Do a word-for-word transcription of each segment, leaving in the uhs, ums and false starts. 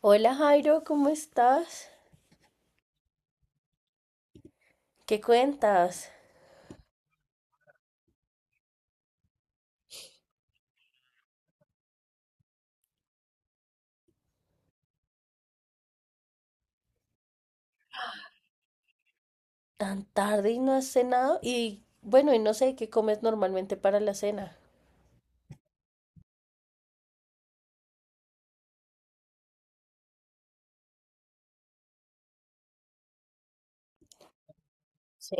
Hola Jairo, ¿cómo estás? ¿Qué cuentas? Tan tarde y no has cenado. Y bueno, y no sé qué comes normalmente para la cena. Sí.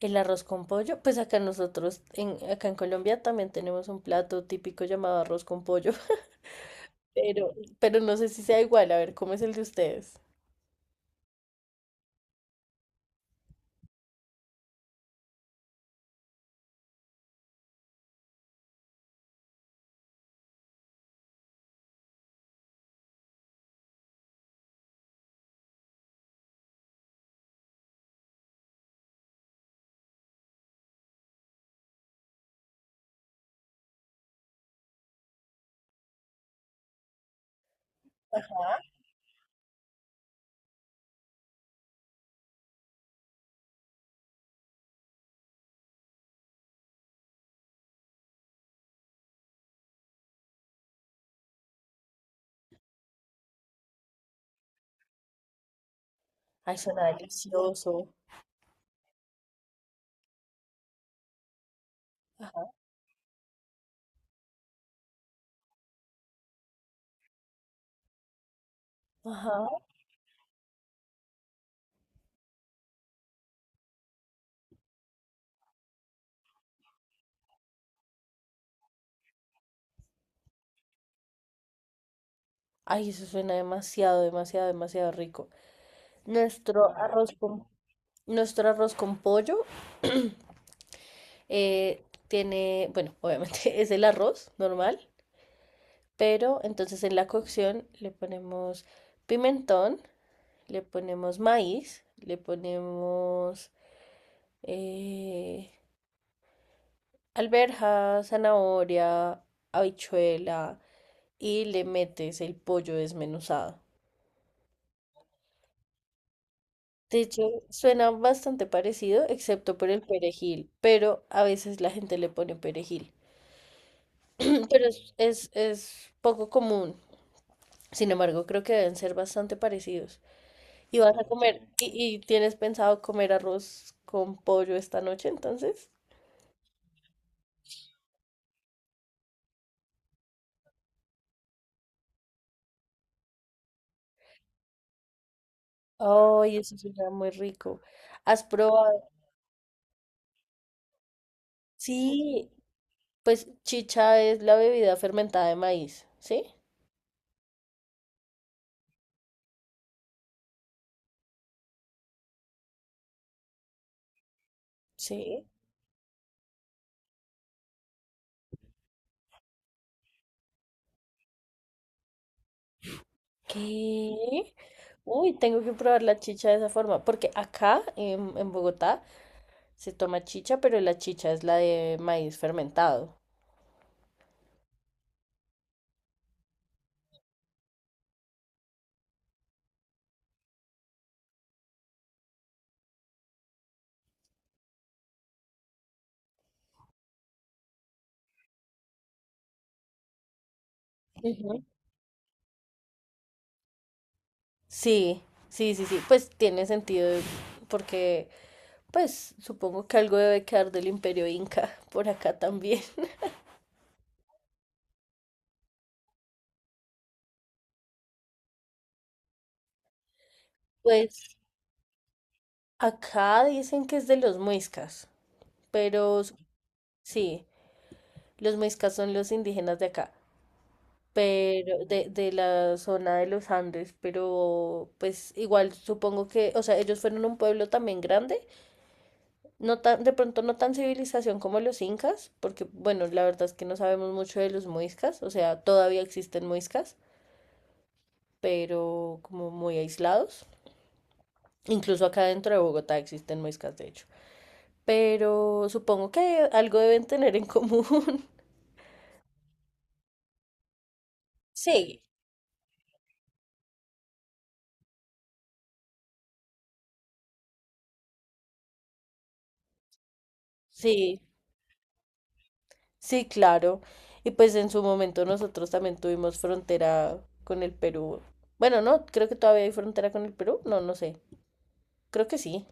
El arroz con pollo, pues acá nosotros, en, acá en Colombia también tenemos un plato típico llamado arroz con pollo, pero, pero no sé si sea igual, a ver, ¿cómo es el de ustedes? Ay, suena delicioso. Ajá. Ay, eso suena demasiado, demasiado, demasiado rico. Nuestro arroz con, nuestro arroz con pollo Eh, tiene, bueno, obviamente, es el arroz normal, pero entonces en la cocción le ponemos pimentón, le ponemos maíz, le ponemos eh, alberja, zanahoria, habichuela y le metes el pollo desmenuzado. De hecho, suena bastante parecido, excepto por el perejil, pero a veces la gente le pone perejil. Pero es, es, es poco común. Sin embargo, creo que deben ser bastante parecidos. ¿Y vas a comer y, y tienes pensado comer arroz con pollo esta noche entonces? Ay, eso suena muy rico. ¿Has probado? Sí, pues chicha es la bebida fermentada de maíz, ¿sí? Sí. ¿Qué? Uy, tengo que probar la chicha de esa forma, porque acá en, en Bogotá se toma chicha, pero la chicha es la de maíz fermentado. Ujú. Sí, sí, sí, sí, pues tiene sentido porque pues supongo que algo debe quedar del Imperio Inca por acá también. Pues acá dicen que es de los muiscas, pero su- sí, los muiscas son los indígenas de acá, pero de, de la zona de los Andes, pero pues igual supongo que, o sea, ellos fueron un pueblo también grande. No tan, de pronto no tan civilización como los incas, porque bueno, la verdad es que no sabemos mucho de los muiscas, o sea, todavía existen muiscas, pero como muy aislados. Incluso acá dentro de Bogotá existen muiscas, de hecho. Pero supongo que algo deben tener en común. Sí. Sí, sí, claro. Y pues en su momento nosotros también tuvimos frontera con el Perú. Bueno, no, creo que todavía hay frontera con el Perú. No, no sé. Creo que sí.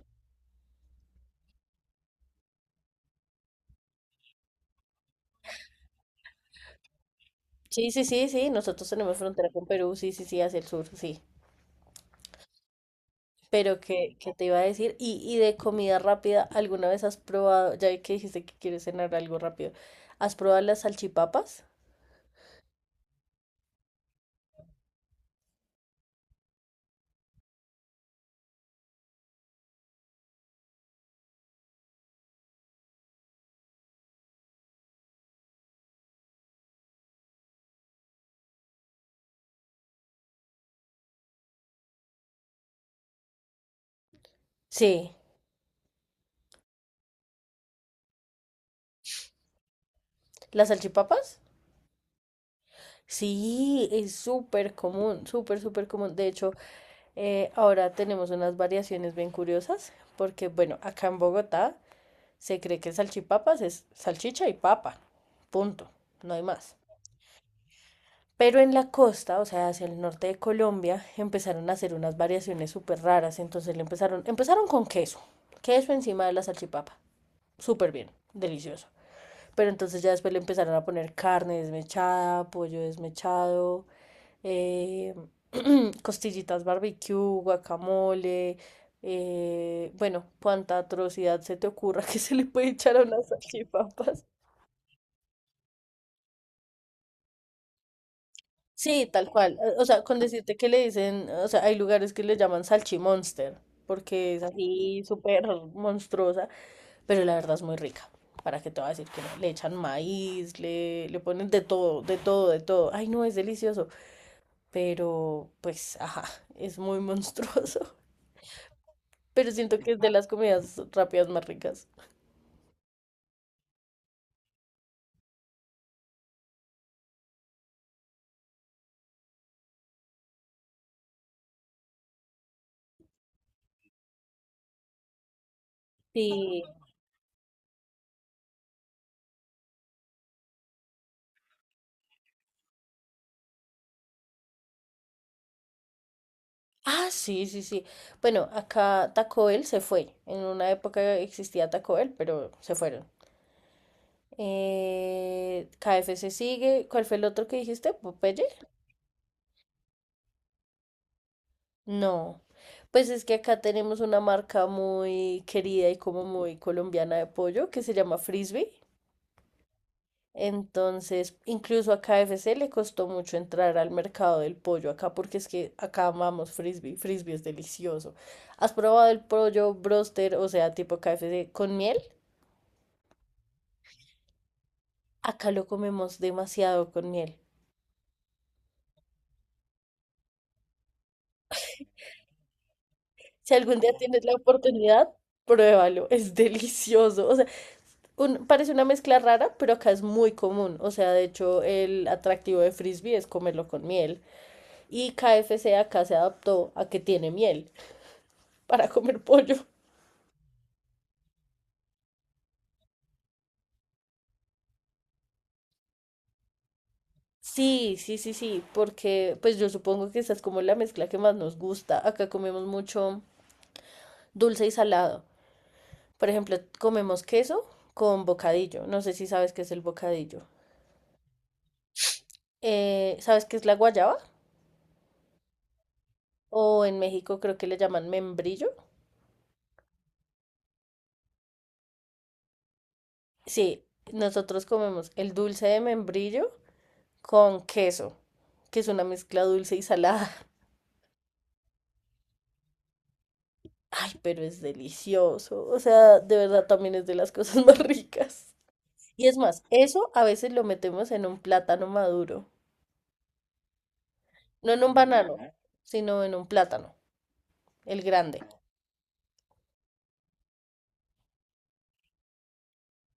Sí, sí, sí, sí, nosotros tenemos frontera con Perú, sí, sí, sí, hacia el sur, sí. Pero ¿qué, qué te iba a decir? Y, y de comida rápida, ¿alguna vez has probado, ya vi que dijiste que quieres cenar algo rápido, ¿has probado las salchipapas? Sí, ¿las salchipapas? Sí, es súper común, súper, súper común. De hecho, eh, ahora tenemos unas variaciones bien curiosas, porque bueno, acá en Bogotá se cree que salchipapas es salchicha y papa, punto, no hay más. Pero en la costa, o sea, hacia el norte de Colombia, empezaron a hacer unas variaciones súper raras. Entonces le empezaron, empezaron con queso, queso encima de la salchipapa. Súper bien, delicioso. Pero entonces ya después le empezaron a poner carne desmechada, pollo desmechado, eh, costillitas barbecue, guacamole. Eh, bueno, cuánta atrocidad se te ocurra que se le puede echar a unas salchipapas. Sí, tal cual. eh, O sea, con decirte que le dicen, o sea, hay lugares que le llaman salchimonster, porque es así súper monstruosa, pero la verdad es muy rica. ¿Para qué te voy a decir que no? Le echan maíz, le, le ponen de todo, de todo, de todo. Ay, no, es delicioso. Pero, pues, ajá, es muy monstruoso. Pero siento que es de las comidas rápidas más ricas. Sí. Ah, sí, sí, sí. Bueno, acá Taco Bell se fue. En una época existía Taco Bell, pero se fueron. Eh, K F C sigue. ¿Cuál fue el otro que dijiste? ¿Popeye? No. Pues es que acá tenemos una marca muy querida y como muy colombiana de pollo que se llama Frisbee. Entonces, incluso a K F C le costó mucho entrar al mercado del pollo acá porque es que acá amamos Frisbee. Frisbee es delicioso. ¿Has probado el pollo broster, o sea, tipo K F C con miel? Acá lo comemos demasiado con miel. Si algún día tienes la oportunidad, pruébalo, es delicioso. O sea, un- parece una mezcla rara, pero acá es muy común. O sea, de hecho, el atractivo de frisbee es comerlo con miel. Y K F C acá se adaptó a que tiene miel para comer pollo. Sí, sí, sí, sí, porque pues yo supongo que esa es como la mezcla que más nos gusta. Acá comemos mucho dulce y salado. Por ejemplo, comemos queso con bocadillo. No sé si sabes qué es el bocadillo. Eh, ¿sabes qué es la guayaba? O en México creo que le llaman membrillo. Sí, nosotros comemos el dulce de membrillo con queso, que es una mezcla dulce y salada. Ay, pero es delicioso. O sea, de verdad también es de las cosas más ricas. Y es más, eso a veces lo metemos en un plátano maduro. No en un banano, sino en un plátano, el grande.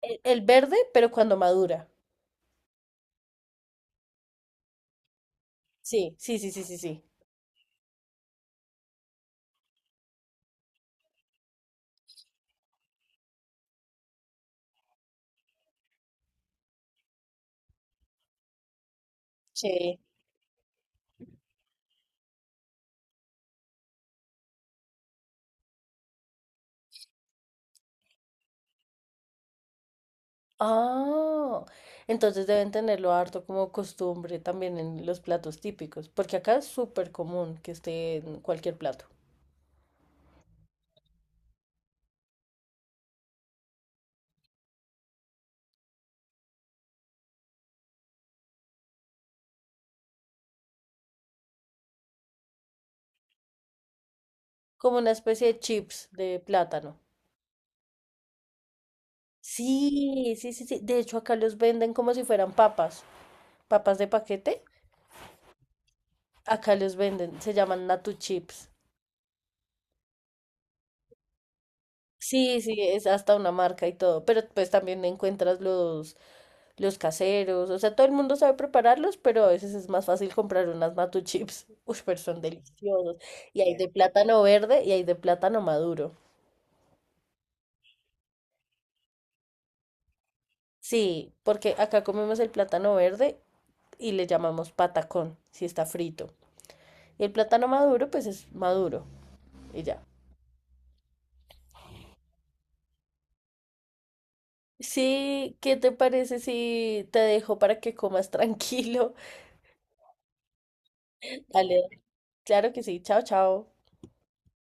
El, el verde, pero cuando madura. Sí, sí, sí, sí, sí, sí, sí. Ah, entonces deben tenerlo harto como costumbre también en los platos típicos, porque acá es súper común que esté en cualquier plato, como una especie de chips de plátano. Sí, sí, sí, sí. De hecho, acá los venden como si fueran papas, papas de paquete. Acá los venden, se llaman Natu Chips. Sí, sí, es hasta una marca y todo, pero pues también encuentras los, los caseros, o sea, todo el mundo sabe prepararlos, pero a veces es más fácil comprar unas Matu Chips, uy, pero son deliciosos, y hay de plátano verde y hay de plátano maduro. Sí, porque acá comemos el plátano verde y le llamamos patacón, si está frito, y el plátano maduro, pues es maduro, y ya. Sí, ¿qué te parece si te dejo para que comas tranquilo? Dale, claro que sí, chao, chao.